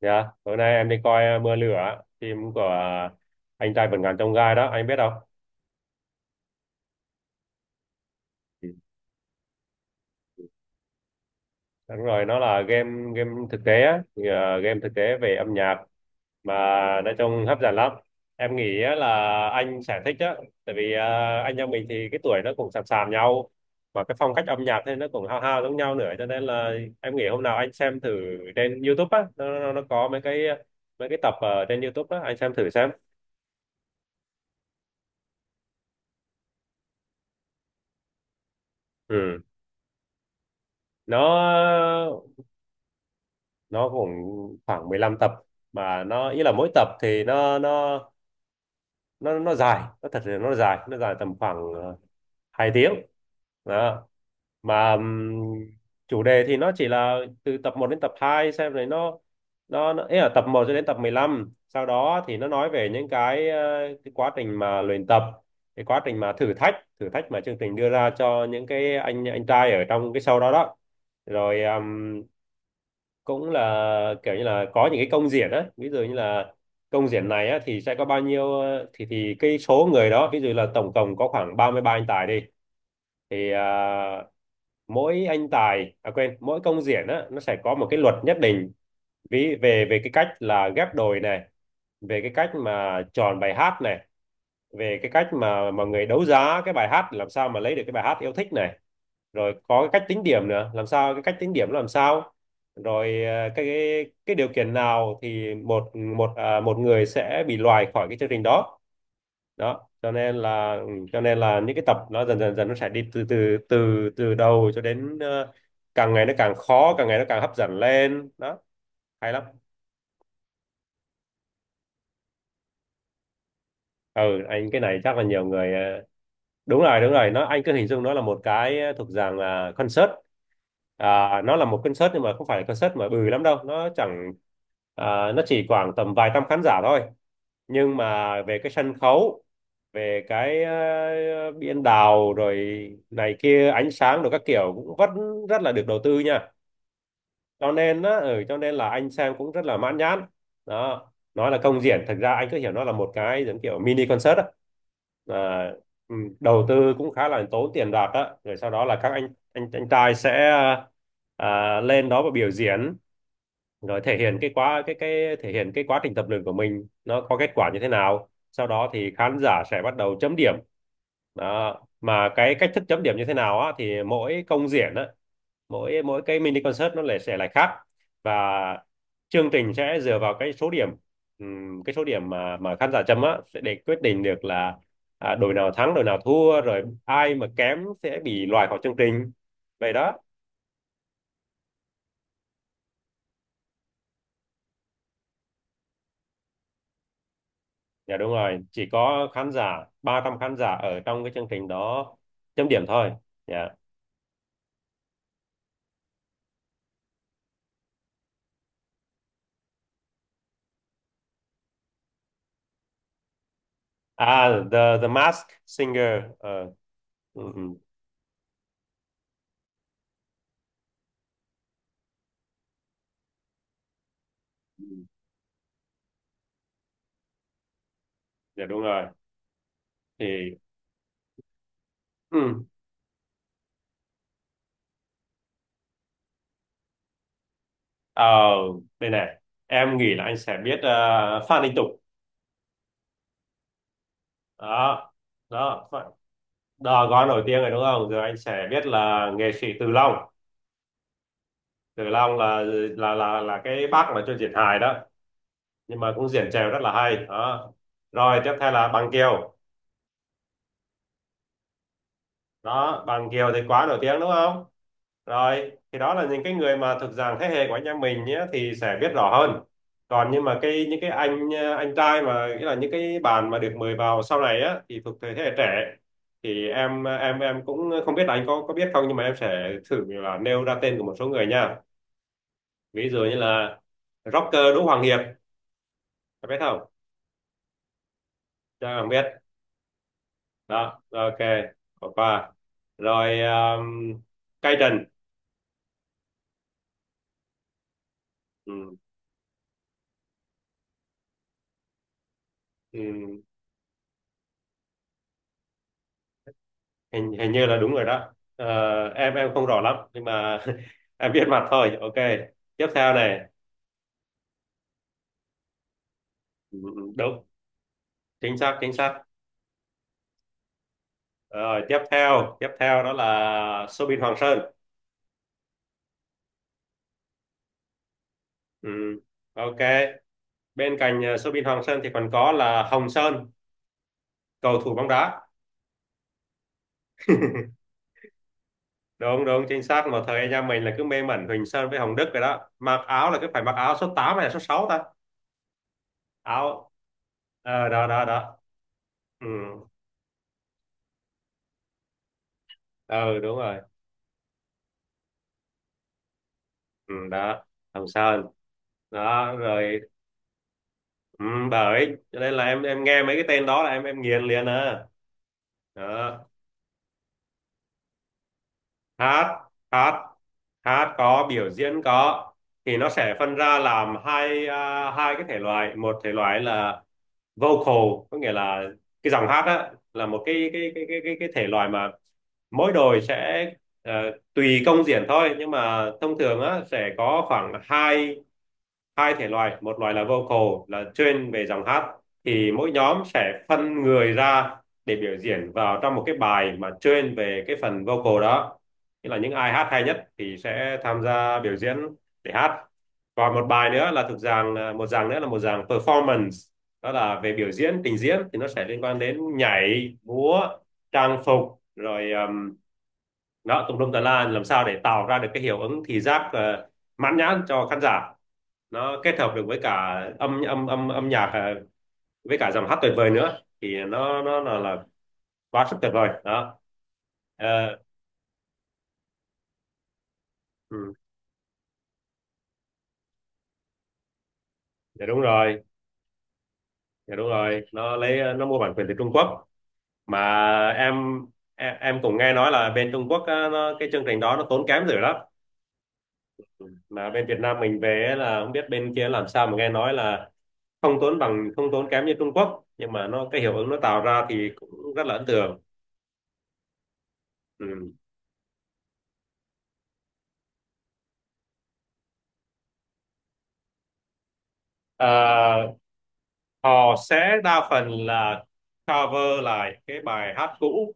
Dạ, tối nay em đi coi Mưa Lửa, phim của anh trai vượt ngàn chông gai đó, anh biết không? Ừ. Đúng rồi, nó là game game thực tế á, thì, game thực tế về âm nhạc mà nói chung hấp dẫn lắm. Em nghĩ á là anh sẽ thích á, tại vì anh em mình thì cái tuổi nó cũng sàm sàm nhau, mà cái phong cách âm nhạc thì nó cũng hao hao giống nhau nữa, cho nên là em nghĩ hôm nào anh xem thử trên YouTube á, nó có mấy cái tập ở trên YouTube á, anh xem thử xem. Ừ. Nó nó cũng khoảng 15 tập mà nó ý là mỗi tập thì nó dài, nó thật sự nó dài, nó dài tầm khoảng 2 tiếng đó. Mà chủ đề thì nó chỉ là từ tập một đến tập 2 xem rồi nó ý là tập một cho đến tập 15, sau đó thì nó nói về những cái, cái quá trình mà luyện tập, cái quá trình mà thử thách mà chương trình đưa ra cho những cái anh trai ở trong cái show đó đó. Rồi cũng là kiểu như là có những cái công diễn á, ví dụ như là công diễn này á thì sẽ có bao nhiêu thì cái số người đó, ví dụ là tổng cộng có khoảng 33 anh tài đi, thì mỗi anh tài à quên mỗi công diễn á nó sẽ có một cái luật nhất định. Ví về về cái cách là ghép đôi này, về cái cách mà chọn bài hát này, về cái cách mà mọi người đấu giá cái bài hát làm sao mà lấy được cái bài hát yêu thích này, rồi có cái cách tính điểm nữa làm sao, cái cách tính điểm làm sao, rồi cái cái điều kiện nào thì một một một người sẽ bị loại khỏi cái chương trình đó đó. Cho nên là ừ, cho nên là những cái tập nó dần dần dần nó sẽ đi từ từ từ từ đầu cho đến càng ngày nó càng khó, càng ngày nó càng hấp dẫn lên đó, hay lắm. Ừ anh cái này chắc là nhiều người đúng rồi đúng rồi, nó anh cứ hình dung nó là một cái thuộc dạng là concert. À, nó là một concert nhưng mà không phải là concert mà bự lắm đâu, nó chẳng à, nó chỉ khoảng tầm vài trăm khán giả thôi. Nhưng mà về cái sân khấu, về cái biên đạo rồi này kia, ánh sáng rồi các kiểu cũng vẫn rất là được đầu tư nha. Cho nên á ừ, cho nên là anh xem cũng rất là mãn nhãn đó. Nói là công diễn, thật ra anh cứ hiểu nó là một cái giống kiểu mini concert á. À, ừ, đầu tư cũng khá là tốn tiền bạc á, rồi sau đó là các anh trai sẽ à, lên đó và biểu diễn, rồi thể hiện cái quá cái thể hiện cái quá trình tập luyện của mình nó có kết quả như thế nào, sau đó thì khán giả sẽ bắt đầu chấm điểm đó. Mà cái cách thức chấm điểm như thế nào á thì mỗi công diễn á, mỗi mỗi cái mini concert nó lại sẽ lại khác. Và chương trình sẽ dựa vào cái số điểm, cái số điểm mà khán giả chấm á sẽ để quyết định được là à, đội nào thắng đội nào thua, rồi ai mà kém sẽ bị loại khỏi chương trình, vậy đó. Dạ đúng rồi, chỉ có khán giả, 300 khán giả ở trong cái chương trình đó chấm điểm thôi. Dạ. À The Mask Singer. Ờ, ừ, ừ. Dạ đúng rồi. Thì ừ, ờ, đây này, em nghĩ là anh sẽ biết Phan Đình Tục. Đó, đó, Phan- đó, gói nổi tiếng rồi đúng không? Rồi anh sẽ biết là nghệ sĩ Từ Long. Từ Long là là cái bác mà cho diễn hài đó, nhưng mà cũng diễn trèo rất là hay. Đó. Rồi tiếp theo là Bằng Kiều. Đó, Bằng Kiều thì quá nổi tiếng đúng không? Rồi thì đó là những cái người mà thuộc dạng thế hệ của anh em mình nhé thì sẽ biết rõ hơn. Còn nhưng mà cái những cái anh trai mà nghĩa là những cái bạn mà được mời vào sau này á thì thuộc thế hệ trẻ, thì em cũng không biết là anh có biết không, nhưng mà em sẽ thử là nêu ra tên của một số người nha. Ví dụ như là rocker Đỗ Hoàng Hiệp, có biết không? Chắc là không biết đó, ok, bỏ qua. Rồi Cây Trần. Ừ. Ừ, hình hình như là đúng rồi đó. Ờ, em không rõ lắm nhưng mà em biết mặt thôi, ok, tiếp theo này. Ừ, ừ, ừ, đúng, chính xác chính xác. Rồi tiếp theo đó là Soobin Hoàng Sơn. Ừ, ok. Bên cạnh Soobin Hoàng Sơn thì còn có là Hồng Sơn, cầu thủ bóng đá. Đúng đúng chính xác, một thời anh em mình là cứ mê mẩn Huỳnh Sơn với Hồng Đức rồi đó, mặc áo là cứ phải mặc áo số 8 hay là số 6 ta. Áo ờ, đó đó đó. Ừ, ừ đúng rồi. Ừ, đó, Hồng Sơn, đó rồi. Ừ, bởi cho nên là em nghe mấy cái tên đó là em nghiền liền à, đó. Hát, hát hát có, biểu diễn có. Thì nó sẽ phân ra làm hai à, hai cái thể loại. Một thể loại là vocal, có nghĩa là cái dòng hát á là một cái cái thể loại mà mỗi đội sẽ ờ, tùy công diễn thôi nhưng mà thông thường á sẽ có khoảng hai, hai thể loại. Một loại là vocal, là chuyên về dòng hát, thì mỗi nhóm sẽ phân người ra để biểu diễn vào trong một cái bài mà chuyên về cái phần vocal đó. Nghĩa là những ai hát hay nhất thì sẽ tham gia biểu diễn để hát. Và một bài nữa là thực dạng à, một dạng nữa là một dạng performance, đó là về biểu diễn trình diễn, thì nó sẽ liên quan đến nhảy múa, trang phục rồi đó tùm lum tà la, làm sao để tạo ra được cái hiệu ứng thị giác mãn nhãn cho khán giả. Nó kết hợp được với cả âm âm âm âm nhạc với cả dòng hát tuyệt vời nữa thì là quá sức tuyệt vời đó. Ờ, ừ, dạ đúng rồi. Dạ đúng rồi, nó lấy nó mua bản quyền từ Trung Quốc. Mà em em cũng nghe nói là bên Trung Quốc á, nó, cái chương trình đó nó tốn kém dữ lắm. Mà bên Việt Nam mình về ấy là không biết bên kia làm sao, mà nghe nói là không tốn bằng, không tốn kém như Trung Quốc, nhưng mà nó cái hiệu ứng nó tạo ra thì cũng rất là ấn tượng. Ừ. Ờ, họ sẽ đa phần là cover lại cái bài hát cũ,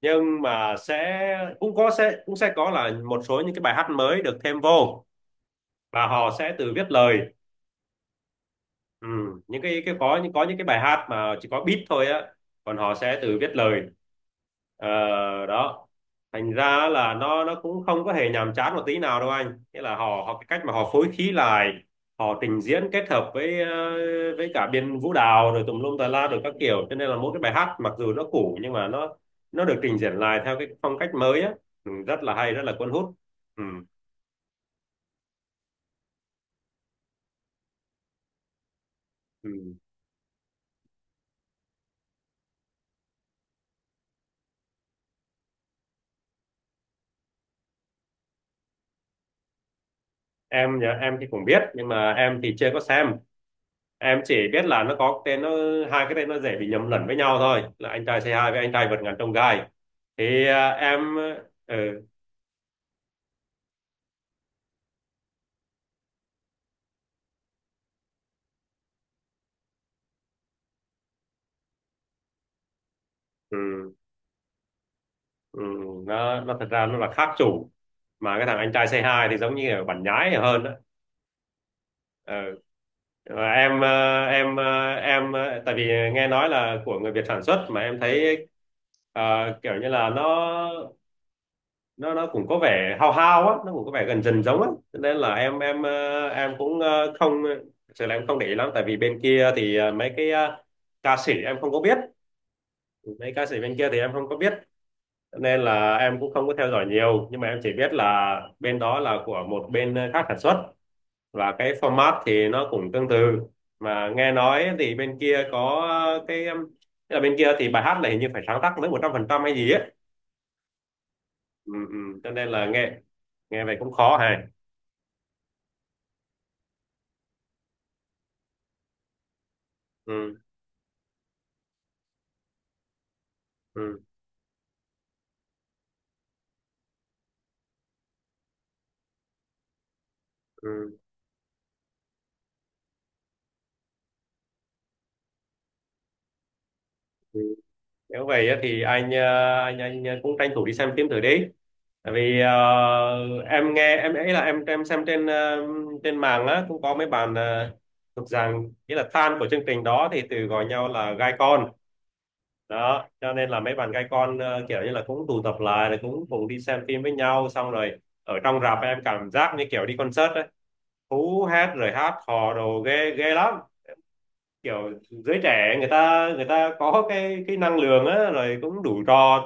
nhưng mà sẽ cũng có, sẽ cũng sẽ có là một số những cái bài hát mới được thêm vô và họ sẽ tự viết lời. Ừ, những cái có những cái bài hát mà chỉ có beat thôi á, còn họ sẽ tự viết lời. Ờ, đó, thành ra là nó cũng không có hề nhàm chán một tí nào đâu anh, nghĩa là họ họ cái cách mà họ phối khí lại, họ trình diễn kết hợp với với cả biên vũ đạo rồi tùm lum tà la rồi các kiểu, cho nên là mỗi cái bài hát mặc dù nó cũ nhưng mà nó được trình diễn lại theo cái phong cách mới á, ừ, rất là hay, rất là cuốn hút. Ừ, ừ. Em thì cũng biết nhưng mà em thì chưa có xem. Em chỉ biết là nó có tên nó, hai cái tên nó dễ bị nhầm lẫn với nhau thôi là anh trai C hai với anh trai vượt ngàn chông gai, thì à, em ừ, ừ, ừ, nó thật ra nó là khác chủ, mà cái thằng anh trai C hai thì giống như là bản nhái hơn á. Ừ. Và tại vì nghe nói là của người Việt sản xuất, mà em thấy ờ, kiểu như là nó nó cũng có vẻ hao hao á, nó cũng có vẻ gần dần giống á, cho nên là em cũng không thực sự là em không để ý lắm. Tại vì bên kia thì ca sĩ em không có biết, mấy ca sĩ bên kia thì em không có biết. Cho nên là em cũng không có theo dõi nhiều, nhưng mà em chỉ biết là bên đó là của một bên khác sản xuất, và cái format thì nó cũng tương tự. Mà nghe nói thì bên kia có cái tức là bên kia thì bài hát này hình như phải sáng tác mới 100% hay gì ấy. Ừ, ừ. Cho nên là nghe nghe vậy cũng khó hề. Ừ. Ừ, ừ, ừ. Nếu vậy á thì anh ờ, anh cũng tranh thủ đi xem phim thử đi, tại vì em nghe em ấy là em xem trên trên mạng á, cũng có mấy bạn thuộc rằng nghĩa là fan của chương trình đó thì từ gọi nhau là gai con, đó cho nên là mấy bạn gai con kiểu như là cũng tụ tập lại rồi cũng cùng đi xem phim với nhau xong rồi ở trong rạp em cảm giác như kiểu đi concert ấy, hú hét rồi hát hò đồ ghê ghê lắm. Kiểu giới trẻ người ta có cái năng lượng á rồi cũng đủ trò.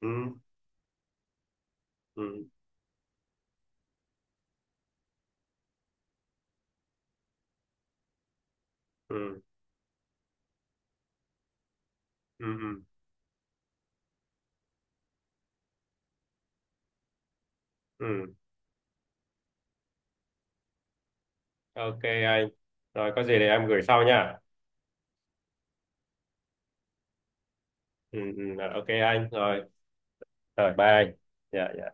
Ừ, ừ, ừ, ừ, ừ. Ừ. Ok anh, rồi có gì để em gửi sau nha. Ừ, ừ, ok anh rồi. Rồi bye anh. Dạ dạ.